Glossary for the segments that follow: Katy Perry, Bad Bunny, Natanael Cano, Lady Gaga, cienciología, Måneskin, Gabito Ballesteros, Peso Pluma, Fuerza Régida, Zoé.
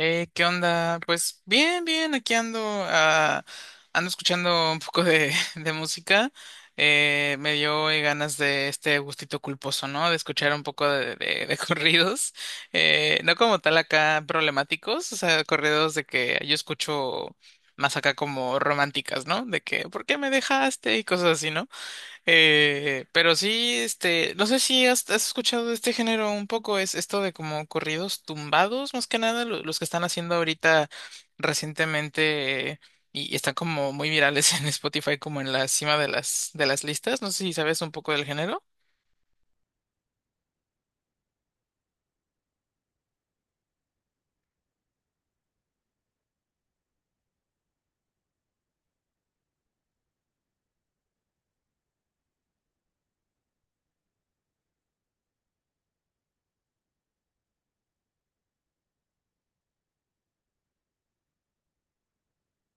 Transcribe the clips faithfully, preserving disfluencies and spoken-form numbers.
Eh, ¿qué onda? Pues bien, bien, aquí ando, ah, ando escuchando un poco de, de música. Eh, me dio eh, ganas de este gustito culposo, ¿no? De escuchar un poco de, de- de corridos. Eh, no como tal acá problemáticos, o sea, corridos de que yo escucho más acá como románticas, ¿no? De que, ¿por qué me dejaste? Y cosas así, ¿no? Eh, pero sí, este, no sé si has, has escuchado de este género un poco, es esto de como corridos tumbados, más que nada, lo- los que están haciendo ahorita recientemente eh, y, y están como muy virales en Spotify, como en la cima de las, de las listas. No sé si sabes un poco del género.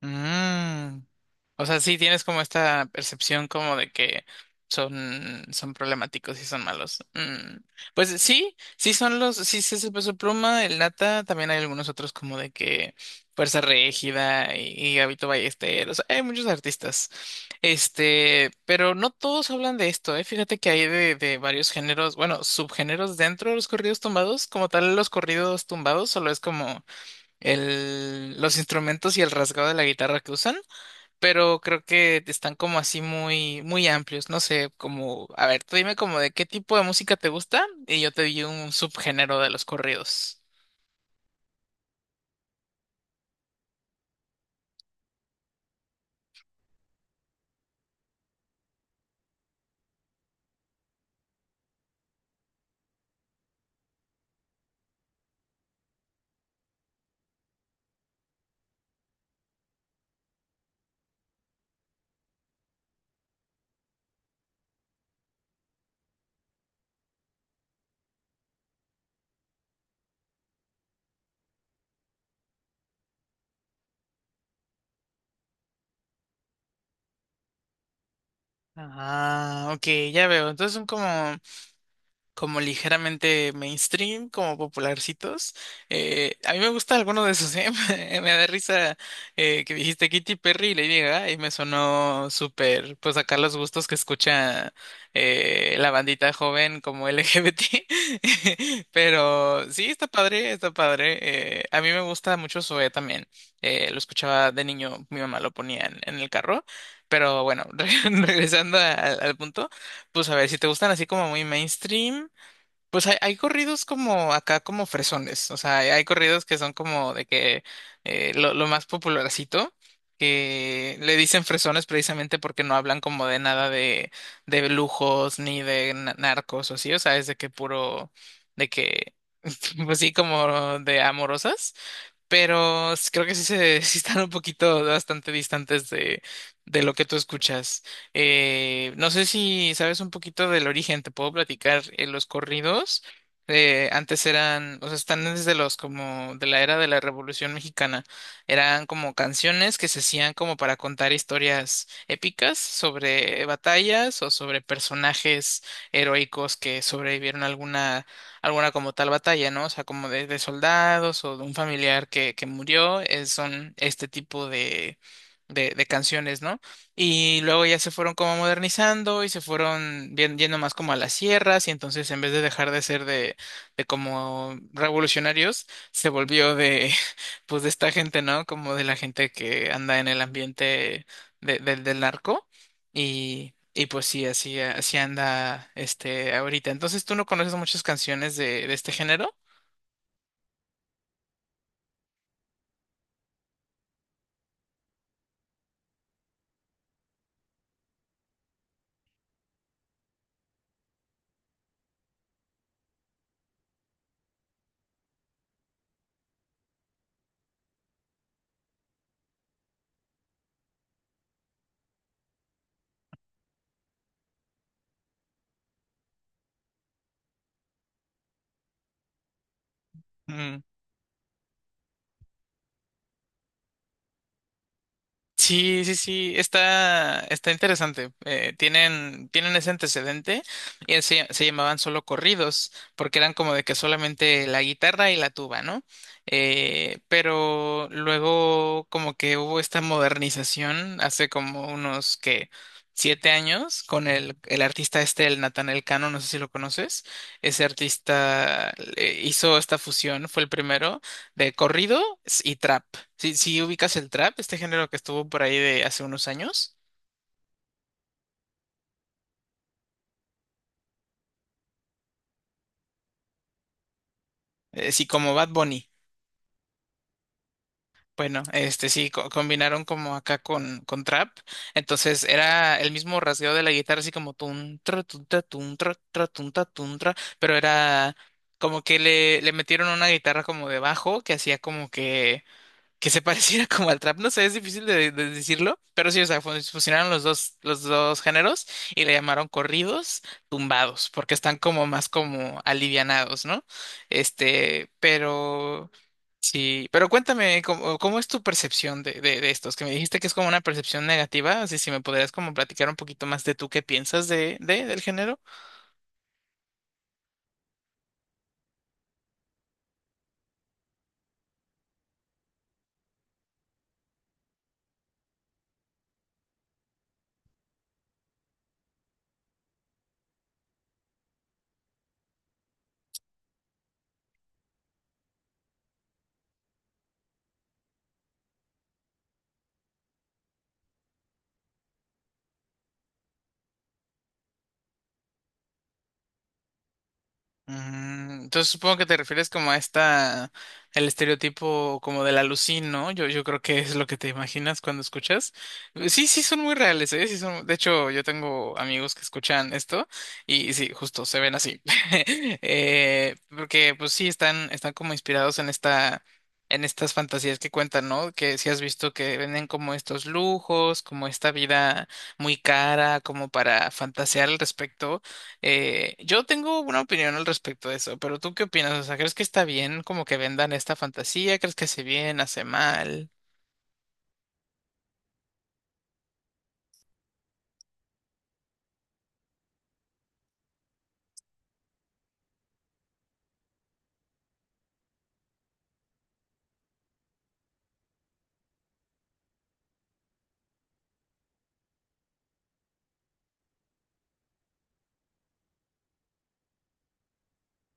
Mm. O sea, sí tienes como esta percepción como de que son, son problemáticos y son malos. Mm. Pues sí, sí son los, sí, sí es el Peso Pluma, el nata, también hay algunos otros como de que Fuerza Régida y, y Gabito Ballesteros, hay muchos artistas. Este, pero no todos hablan de esto, ¿eh? Fíjate que hay de, de varios géneros, bueno, subgéneros dentro de los corridos tumbados, como tal los corridos tumbados, solo es como el, los instrumentos y el rasgado de la guitarra que usan, pero creo que están como así muy, muy amplios. No sé, como, a ver, tú dime como de qué tipo de música te gusta y yo te di un subgénero de los corridos. Ah, ok, ya veo. Entonces son como como ligeramente mainstream, como popularcitos. Eh, a mí me gusta alguno de esos. ¿Eh? Me da risa eh, que dijiste Kitty Perry y Lady Gaga y me sonó súper, pues acá los gustos que escucha eh, la bandita joven como L G B T. Pero sí, está padre, está padre. Eh, a mí me gusta mucho Zoé también. Eh, lo escuchaba de niño, mi mamá lo ponía en, en el carro. Pero bueno, regresando a- al al punto, pues a ver, si te gustan así como muy mainstream. Pues hay, hay corridos como acá, como fresones. O sea, hay, hay corridos que son como de que eh, lo, lo más popularcito, que le dicen fresones precisamente porque no hablan como de nada de, de lujos ni de na- narcos o así. O sea, es de que puro, de que, pues sí, como de amorosas pero s- creo que sí, se, sí están un poquito bastante distantes de, de lo que tú escuchas. Eh, no sé si sabes un poquito del origen, te puedo platicar. Eh, los corridos eh, antes eran, o sea, están desde los como de la era de la Revolución Mexicana. Eran como canciones que se hacían como para contar historias épicas sobre batallas o sobre personajes heroicos que sobrevivieron a alguna alguna como tal batalla, ¿no? O sea, como de, de soldados o de un familiar que, que murió, eh, son este tipo de, de, de canciones, ¿no? Y luego ya se fueron como modernizando y se fueron vien- yendo más como a las sierras y entonces en vez de dejar de ser de, de como revolucionarios, se volvió de, pues de esta gente, ¿no? Como de la gente que anda en el ambiente de- del del narco. Y, y pues sí, así, así anda este ahorita. Entonces, ¿tú no conoces muchas canciones de, de este género? Mm. Sí, sí, sí, está, está interesante. Eh, tienen, tienen ese antecedente y se, se llamaban solo corridos, porque eran como de que solamente la guitarra y la tuba, ¿no? Eh, pero luego como que hubo esta modernización hace como unos que siete años con el, el artista este, el Natanael Cano, no sé si lo conoces. Ese artista eh, hizo esta fusión, fue el primero de corrido y trap. Si, si ubicas el trap, este género que estuvo por ahí de hace unos años, eh, sí, como Bad Bunny. Bueno, este sí, co- combinaron como acá con, con trap. Entonces era el mismo rasgueo de la guitarra, así como tun, tra, tun, ta, tun, tra, tra, tun, ta, tun, tra, pero era como que le, le metieron una guitarra como de bajo que hacía como que que se pareciera como al trap, no sé, es difícil de, de decirlo, pero sí, o sea, fun- fusionaron los dos, los dos, géneros y le llamaron corridos tumbados, porque están como más como alivianados, ¿no? Este, pero sí, pero cuéntame, ¿cómo, cómo es tu percepción de, de, de estos? Que me dijiste que es como una percepción negativa, así si me podrías como platicar un poquito más de tú qué piensas de, de, del género. Mm, Entonces supongo que te refieres como a esta, el estereotipo como del alucín, ¿no? Yo, yo creo que es lo que te imaginas cuando escuchas. Sí, sí, son muy reales, ¿eh? Sí son, de hecho, yo tengo amigos que escuchan esto y sí, justo se ven así. Eh, porque pues sí, están, están como inspirados en esta, en estas fantasías que cuentan, ¿no? Que si has visto que venden como estos lujos, como esta vida muy cara, como para fantasear al respecto. Eh, yo tengo una opinión al respecto de eso, pero ¿tú qué opinas? O sea, ¿crees que está bien como que vendan esta fantasía? ¿Crees que hace bien, hace mal?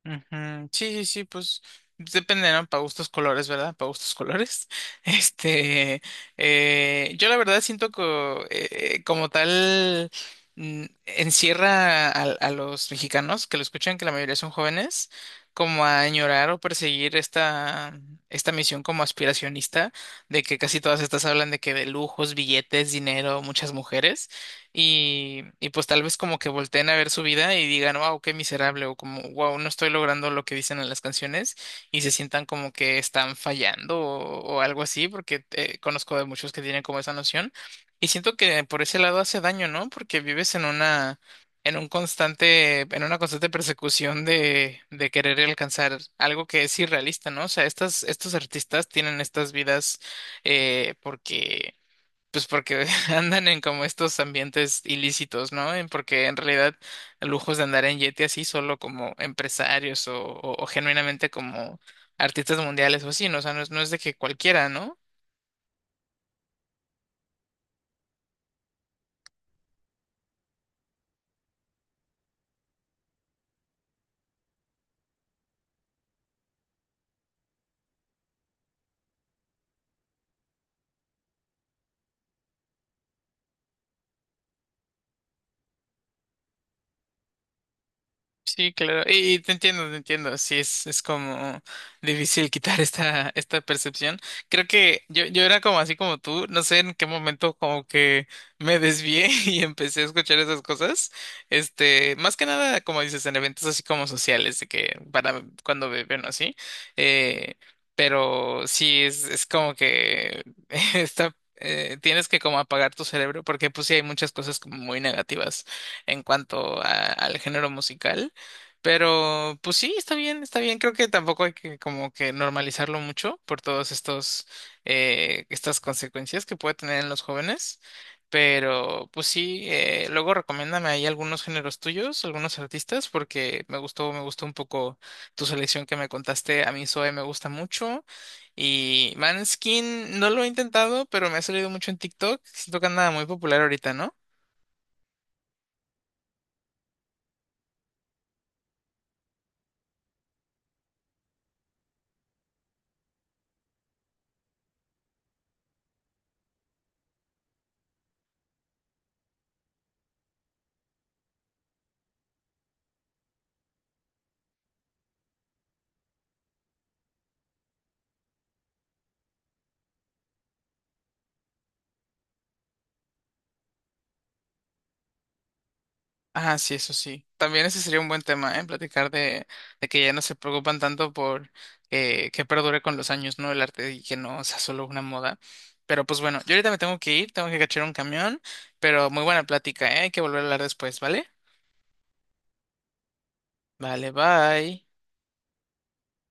Ujú, sí, sí, sí, pues depende, ¿no? Para gustos colores, ¿verdad? Para gustos colores. Este, eh, yo la verdad siento que eh, como tal mm, encierra a, a los mexicanos que lo escuchan, que la mayoría son jóvenes, como a añorar o perseguir esta, esta misión como aspiracionista, de que casi todas estas hablan de que de lujos, billetes, dinero, muchas mujeres y, y pues tal vez como que volteen a ver su vida y digan, wow, qué miserable, o como, wow, no estoy logrando lo que dicen en las canciones y se sientan como que están fallando o, o algo así, porque eh, conozco de muchos que tienen como esa noción y siento que por ese lado hace daño, ¿no? Porque vives en una... en un constante, en una constante persecución de, de querer alcanzar algo que es irrealista, ¿no? O sea, estas, estos artistas tienen estas vidas eh, porque pues porque andan en como estos ambientes ilícitos, ¿no? En- Porque en realidad lujos de andar en Yeti así solo como empresarios o, o- o genuinamente como artistas mundiales o así, ¿no? O sea, no es, no es de que cualquiera, ¿no? Sí, claro. Y, y te entiendo, te entiendo. Sí, es, es como difícil quitar esta, esta percepción. Creo que yo, yo era como así como tú. No sé en qué momento como que me desvié y empecé a escuchar esas cosas. Este, más que nada, como dices, en eventos así como sociales, de que para cuando beben o así. Eh, pero sí, es, es como que está eh, tienes que como apagar tu cerebro porque pues sí hay muchas cosas como muy negativas en cuanto a- al género musical. Pero, pues sí, está bien, está bien. Creo que tampoco hay que como que normalizarlo mucho por todos estos, eh, estas consecuencias que puede tener en los jóvenes. Pero, pues sí, eh, luego recomiéndame ahí algunos géneros tuyos, algunos artistas, porque me gustó, me gustó un poco tu selección que me contaste. A mí Zoe me gusta mucho. Y Manskin no lo he intentado, pero me ha salido mucho en TikTok. Siento que anda muy popular ahorita, ¿no? Ah, sí, eso sí. También ese sería un buen tema, ¿eh? Platicar de, de que ya no se preocupan tanto por eh, que perdure con los años, ¿no? El arte y que no sea solo una moda. Pero pues bueno, yo ahorita me tengo que ir, tengo que cachar un camión, pero muy buena plática, ¿eh? Hay que volver a hablar después, ¿vale? Vale, bye.